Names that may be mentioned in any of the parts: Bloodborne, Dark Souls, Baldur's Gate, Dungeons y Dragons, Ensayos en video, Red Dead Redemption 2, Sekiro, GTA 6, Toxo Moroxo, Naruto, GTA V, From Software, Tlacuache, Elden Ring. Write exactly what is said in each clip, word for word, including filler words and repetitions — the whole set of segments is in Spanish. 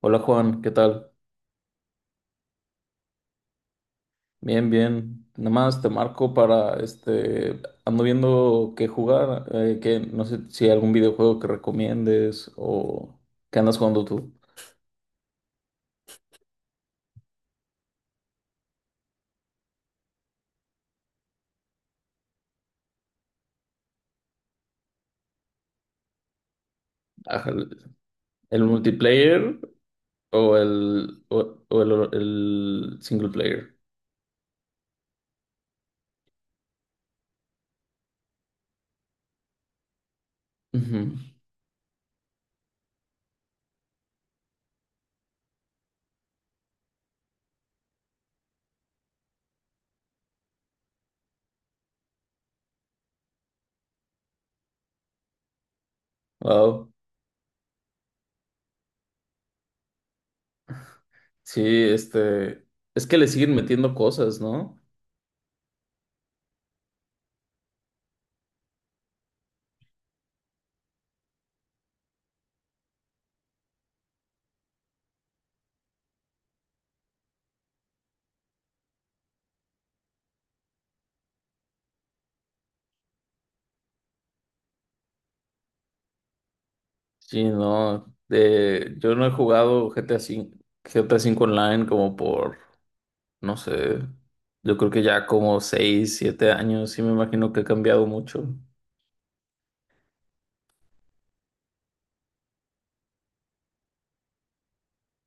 Hola Juan, ¿qué tal? Bien, bien. Nada más te marco para, este, ando viendo qué jugar, eh, que no sé si hay algún videojuego que recomiendes o qué andas jugando tú. Ajá, ¿El el multiplayer o el, o, o el, el single player? Ujú. Wow. Sí, este, es que le siguen metiendo cosas, ¿no? Sí, no. Eh, yo no he jugado G T A V, G T A cinco G T A cinco Online como por, no sé. Yo creo que ya como seis, siete años, sí me imagino que ha cambiado mucho.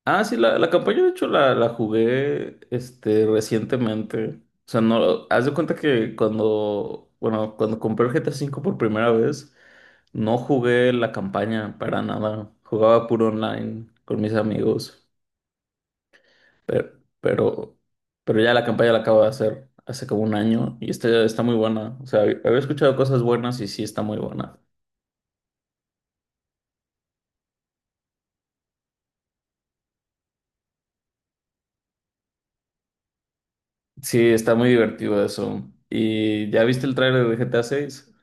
Ah, sí, la, la campaña de hecho la, la jugué este, recientemente. O sea, no, haz de cuenta que cuando, bueno, cuando compré el G T A V por primera vez, no jugué la campaña para nada. Jugaba puro online con mis amigos. Pero, pero, pero ya la campaña la acabo de hacer hace como un año y está, está muy buena. O sea, había escuchado cosas buenas y sí está muy buena. Sí, está muy divertido eso. ¿Y ya viste el tráiler de G T A seis?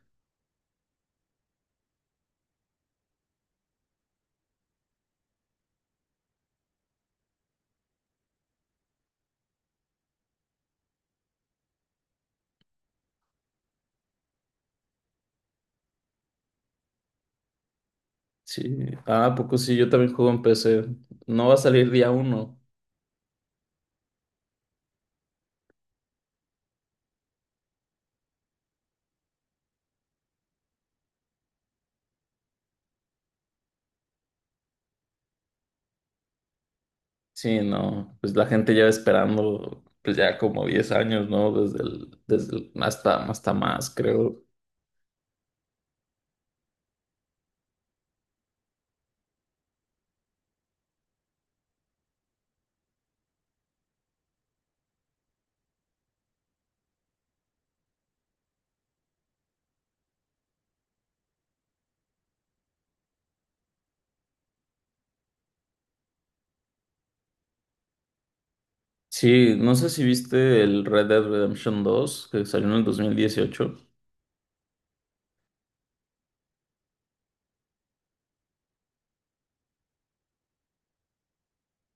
Sí. Ah, ¿a poco sí? Yo también juego en P C. No va a salir día uno. Sí, no. Pues la gente lleva esperando, pues ya como diez años, ¿no? Desde el, desde el- hasta, hasta más, creo. Sí, no sé si viste el Red Dead Redemption dos, que salió en el dos mil dieciocho.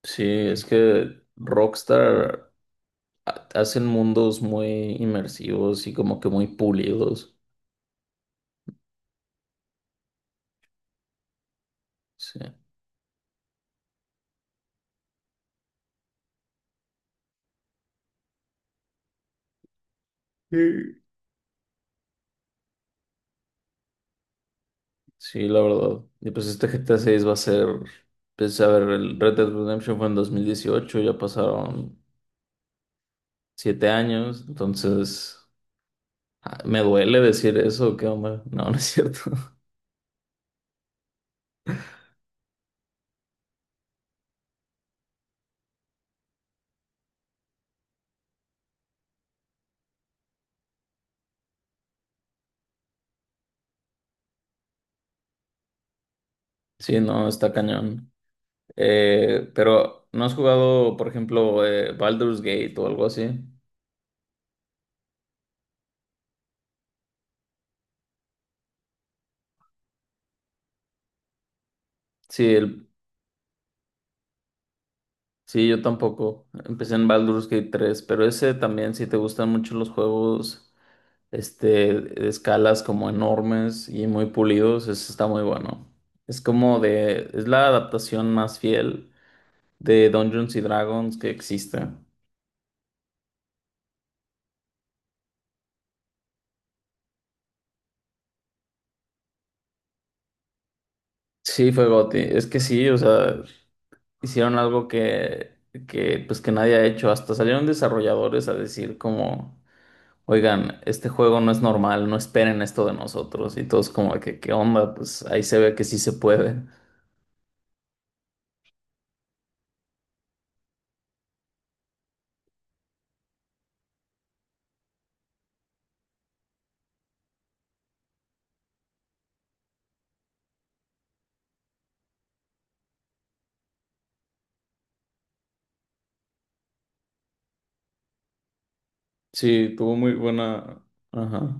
Sí, es que Rockstar ha- hacen mundos muy inmersivos y como que muy pulidos. Sí. Sí, la verdad. Y pues este G T A seis va a ser, pues a ver, el Red Dead Redemption fue en dos mil dieciocho, ya pasaron siete años, entonces ah, me duele decir eso, qué onda. No, no es cierto. Sí, no, está cañón. Eh, pero, ¿no has jugado, por ejemplo, eh, Baldur's Gate o algo así? Sí, el, sí, yo tampoco. Empecé en Baldur's Gate tres, pero ese también, si te gustan mucho los juegos, este, de escalas como enormes y muy pulidos, eso está muy bueno. Es como de, es la adaptación más fiel de Dungeons y Dragons que existe. Sí, fue GOTY. Es que sí, o sea, hicieron algo que, que, pues que nadie ha hecho. Hasta salieron desarrolladores a decir como, oigan, este juego no es normal, no esperen esto de nosotros. Y todos como que, ¿qué onda? Pues ahí se ve que sí se puede. Sí, tuvo muy buena. Ajá.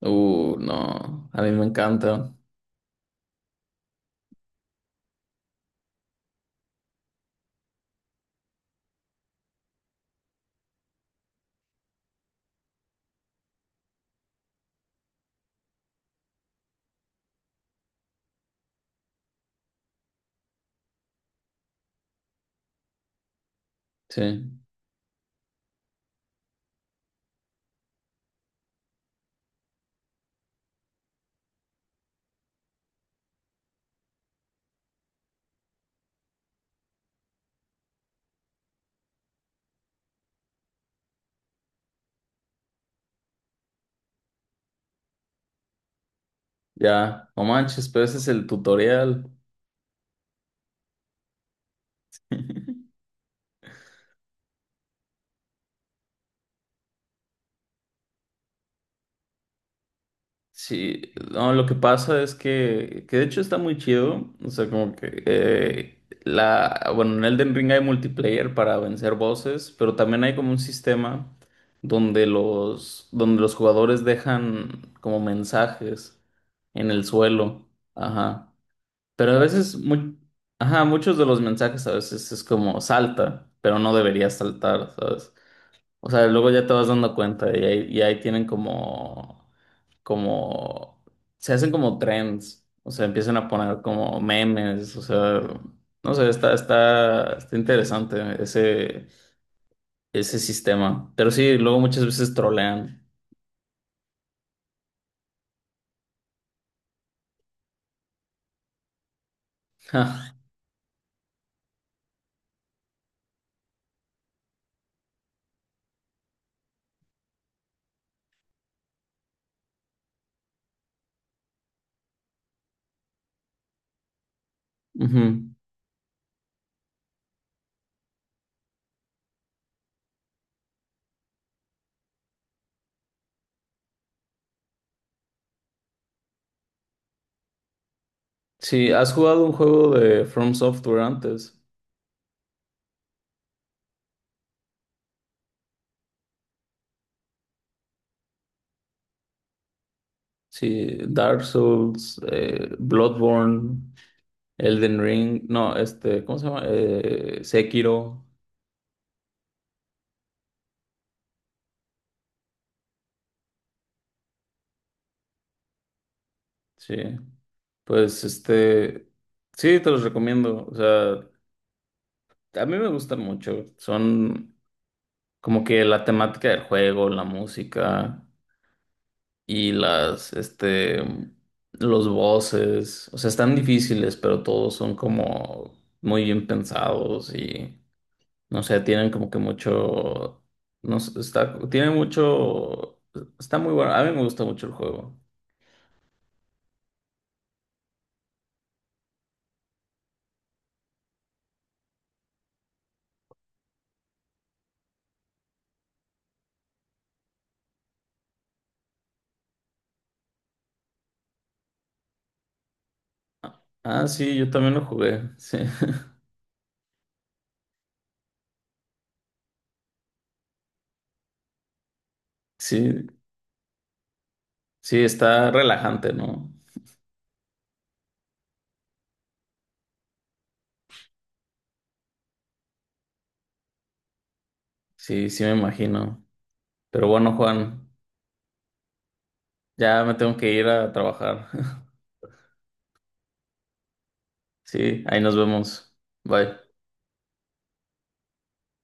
Uh, no, a mí me encanta. Sí, ya, no manches, pero ese es el tutorial. Sí, no, lo que pasa es que, que de hecho está muy chido. O sea, como que eh, la, bueno, en Elden Ring hay multiplayer para vencer bosses, pero también hay como un sistema donde los, donde los jugadores dejan como mensajes en el suelo. Ajá. Pero a veces, mu- ajá, muchos de los mensajes a veces es como salta, pero no deberías saltar, ¿sabes? O sea, luego ya te vas dando cuenta y ahí, y ahí tienen como, como, se hacen como trends, o sea, empiezan a poner como memes, o sea, no sé, está, está, está interesante ese, ese sistema. Pero sí, luego muchas veces trolean. Ujú. Sí, ¿has jugado un juego de From Software antes? Sí, Dark Souls, eh, Bloodborne, Elden Ring, no, este, ¿cómo se llama? Eh, Sekiro, sí. Pues este, sí, te los recomiendo. O sea, a mí me gustan mucho. Son como que la temática del juego, la música y las, este, los voces. O sea, están difíciles, pero todos son como muy bien pensados y no sé, tienen como que mucho, no sé, está, tiene mucho, está muy bueno. A mí me gusta mucho el juego. Ah, sí, yo también lo jugué. Sí, sí, sí, está relajante, ¿no? Sí, sí me imagino. Pero bueno, Juan, ya me tengo que ir a trabajar. Sí, ahí nos vemos. Bye.